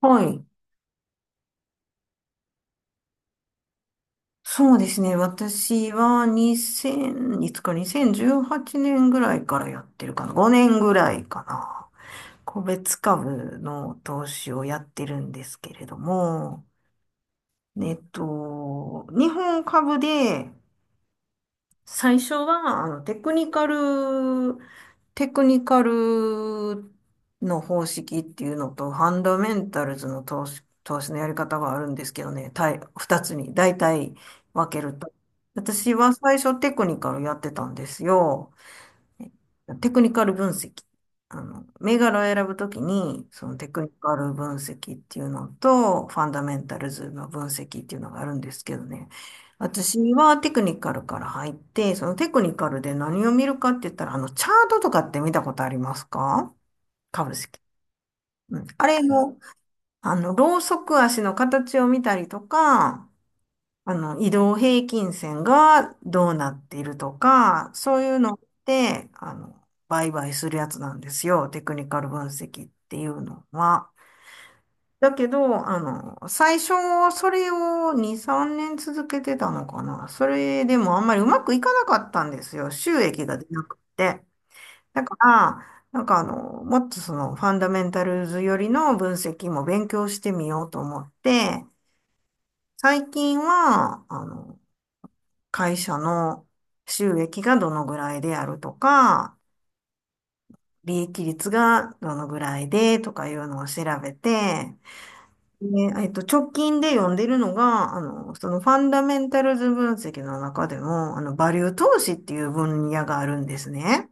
はい。そうですね。私は2 0いつか2018年ぐらいからやってるかな。5年ぐらいかな。個別株の投資をやってるんですけれども、日本株で最初は、テクニカルの方式っていうのと、ファンダメンタルズの投資のやり方があるんですけどね、二つに大体分けると。私は最初テクニカルやってたんですよ。テクニカル分析。銘柄を選ぶときに、そのテクニカル分析っていうのと、ファンダメンタルズの分析っていうのがあるんですけどね。私はテクニカルから入って、そのテクニカルで何を見るかって言ったら、チャートとかって見たことありますか？株式。うん。あれも、ロウソク足の形を見たりとか、移動平均線がどうなっているとか、そういうのって、売買するやつなんですよ。テクニカル分析っていうのは。だけど、最初、それを2、3年続けてたのかな。それでもあんまりうまくいかなかったんですよ。収益が出なくて。だから、なんかもっとその、ファンダメンタルズよりの分析も勉強してみようと思って、最近は、会社の収益がどのぐらいであるとか、利益率がどのぐらいでとかいうのを調べて、で、直近で読んでるのが、そのファンダメンタルズ分析の中でも、バリュー投資っていう分野があるんですね。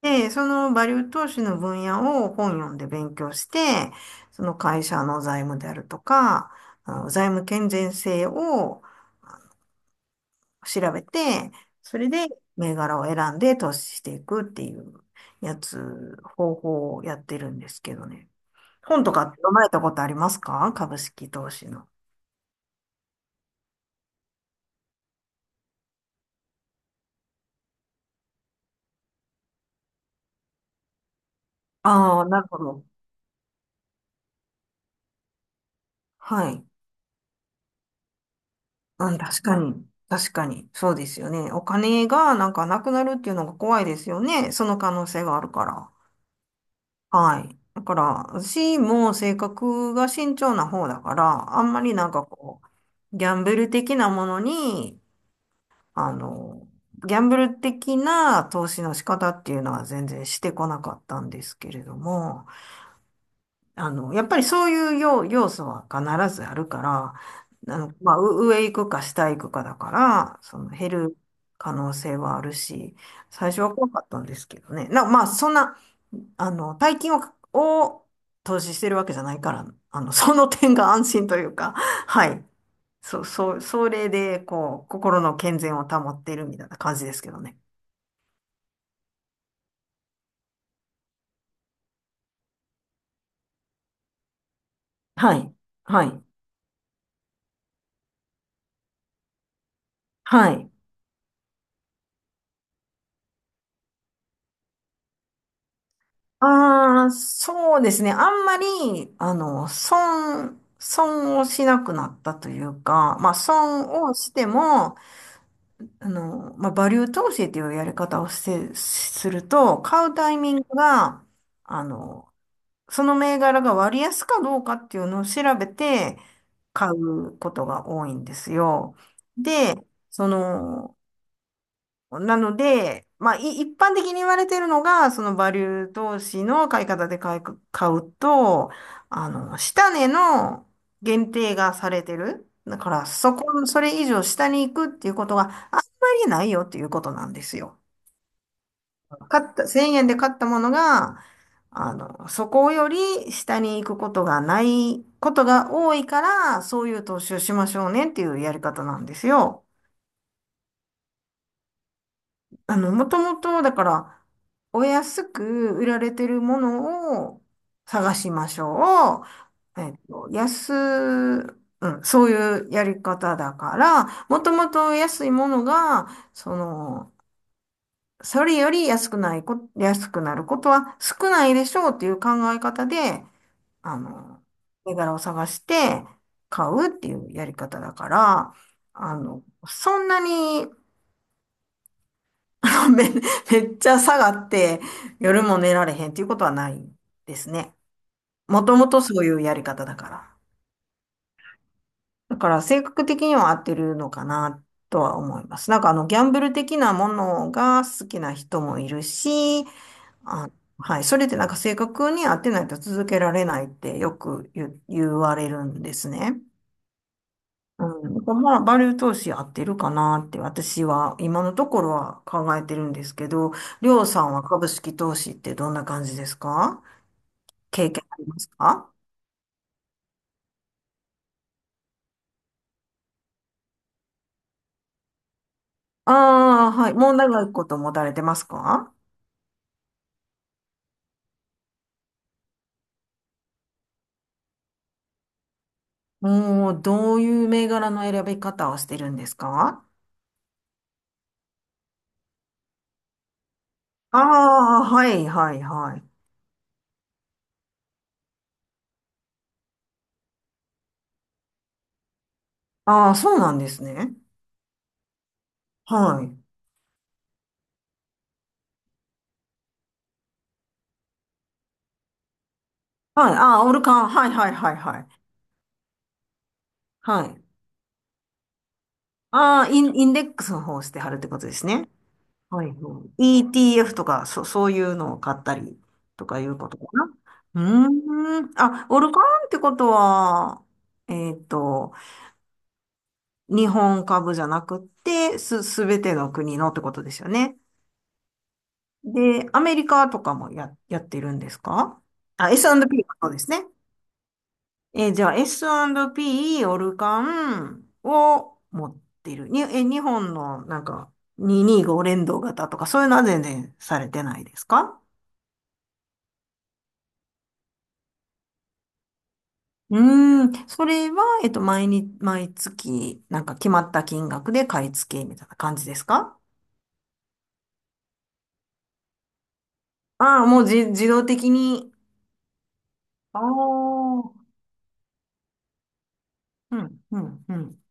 で、そのバリュー投資の分野を本読んで勉強して、その会社の財務であるとか、あの財務健全性を調べて、それで銘柄を選んで投資していくっていう方法をやってるんですけどね。本とかって読まれたことありますか？株式投資の。ああ、なるほど。はい。うん、確かに。確かに。そうですよね。お金がなんかなくなるっていうのが怖いですよね。その可能性があるから。はい。だから、私も性格が慎重な方だから、あんまりなんかこう、あの、ギャンブル的な投資の仕方っていうのは全然してこなかったんですけれども、やっぱりそういう要素は必ずあるから、まあ、上行くか下行くかだから、その減る可能性はあるし、最初は怖かったんですけどね。まあ、そんな、大金を、を投資してるわけじゃないから、その点が安心というか、はい。そう、そう、それで、こう、心の健全を保っているみたいな感じですけどね。はい。はい。はい。ああ、そうですね。あんまり、損をしなくなったというか、まあ、損をしても、まあ、バリュー投資というやり方をして、すると、買うタイミングが、あの、その銘柄が割安かどうかっていうのを調べて買うことが多いんですよ。で、その、なので、まあ、一般的に言われているのが、そのバリュー投資の買い方で買うと、下値の限定がされてる。だから、それ以上下に行くっていうことがあんまりないよっていうことなんですよ。買った、1000円で買ったものが、そこより下に行くことがないことが多いから、そういう投資をしましょうねっていうやり方なんですよ。もともと、だから、お安く売られてるものを探しましょう。うん、そういうやり方だから、もともと安いものが、その、それより安くなることは少ないでしょうっていう考え方で、あの、銘柄を探して買うっていうやり方だから、そんなに、めっちゃ下がって夜も寝られへんっていうことはないですね。もともとそういうやり方だから。だから性格的には合ってるのかなとは思います。なんかギャンブル的なものが好きな人もいるし、あ、はい。それでなんか正確に合ってないと続けられないってよく言われるんですね。うん。まあ、バリュー投資合ってるかなって私は今のところは考えてるんですけど、りょうさんは株式投資ってどんな感じですか？経験ありますか？ああー、はい。もう長いこと持たれてますか？もう、どういう銘柄の選び方をしてるんですか？ああー、はい、はい、はい。ああ、そうなんですね。はい。はい。ああ、オルカン。はいはいはいはい。はい。ああ、インデックスの方をしてはるってことですね。はい。はい ETF とか、そういうのを買ったりとかいうことかな。うーん。あ、オルカンってことは、えっと、日本株じゃなくって、すべての国のってことですよね。で、アメリカとかもやってるんですか？あ、S&P もそうですね。じゃあ S&P オルカンを持ってる。に、えー、日本のなんか225連動型とかそういうのは全然されてないですか？うーん、それは、毎月、なんか決まった金額で買い付けみたいな感じですか？ああー、もう自動的に。ああ、うん、うん、うん。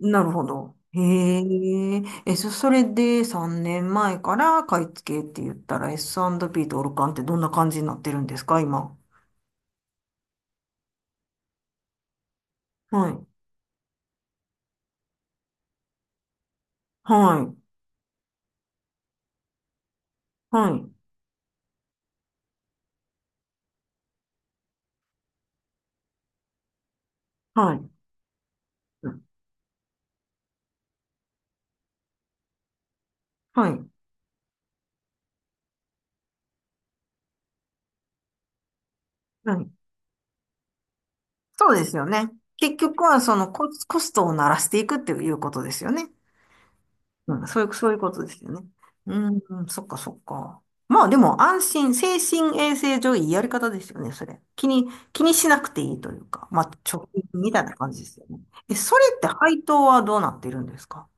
なるほど。へえ。それで3年前から買い付けって言ったら S&P とオルカンってどんな感じになってるんですか、今。はい。はい。はい。はい。はい。はい。そうですよね。結局はそのコストを鳴らしていくっていうことですよね。うん、そういう、そういうことですよね。うん、うんそっかそっか。まあでも安心、精神衛生上いいやり方ですよね、それ。気にしなくていいというか、まあ貯金みたいな感じですよね。え、それって配当はどうなってるんですか？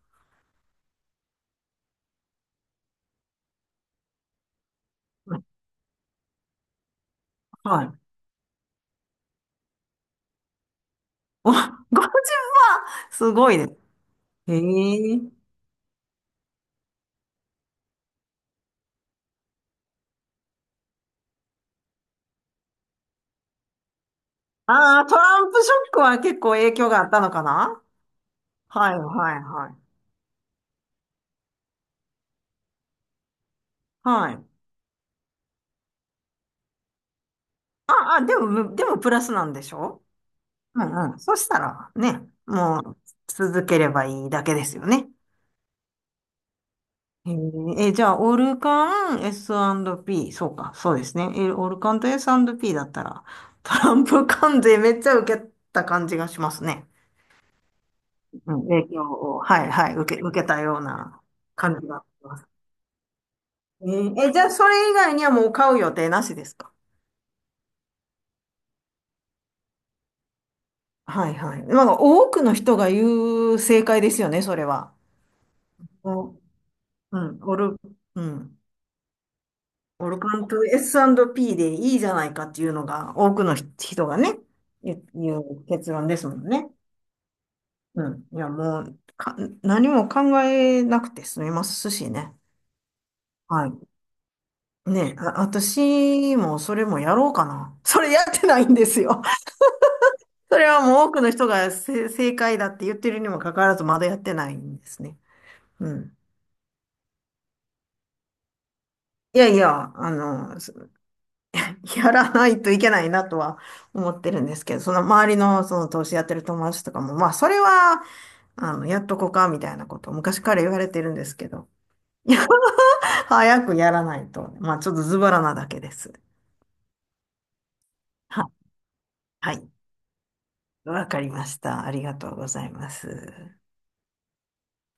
うん、はい。お、50万すごいね。へえ。ああ、トランプショックは結構影響があったのかな？はい、はい、はい。はい。ああ、でも、でもプラスなんでしょう？ん、うん。そしたらね、もう続ければいいだけですよね。じゃあ、オルカン、S&P、そうか、そうですね。オルカンと S&P だったら、トランプ関税めっちゃ受けた感じがしますね。うん、影響を、はいはい、受けたような感じがします。じゃあ、それ以外にはもう買う予定なしですか？はいはい。なんか多くの人が言う正解ですよね、それは。お、うん、うん。オルカンと S&P でいいじゃないかっていうのが多くの人がね、言う結論ですもんね。うん。いや、もうか、何も考えなくて済みますしね。はい。ねえ、あ、私もそれもやろうかな。それやってないんですよ。それはもう多くの人が正解だって言ってるにもかかわらずまだやってないんですね。うん。いやいや、やらないといけないなとは思ってるんですけど、その周りのその投資やってる友達とかも、まあそれは、やっとこうかみたいなことを昔から言われてるんですけど、早くやらないと、まあちょっとズボラなだけです。は、はい、わかりました。ありがとうございます。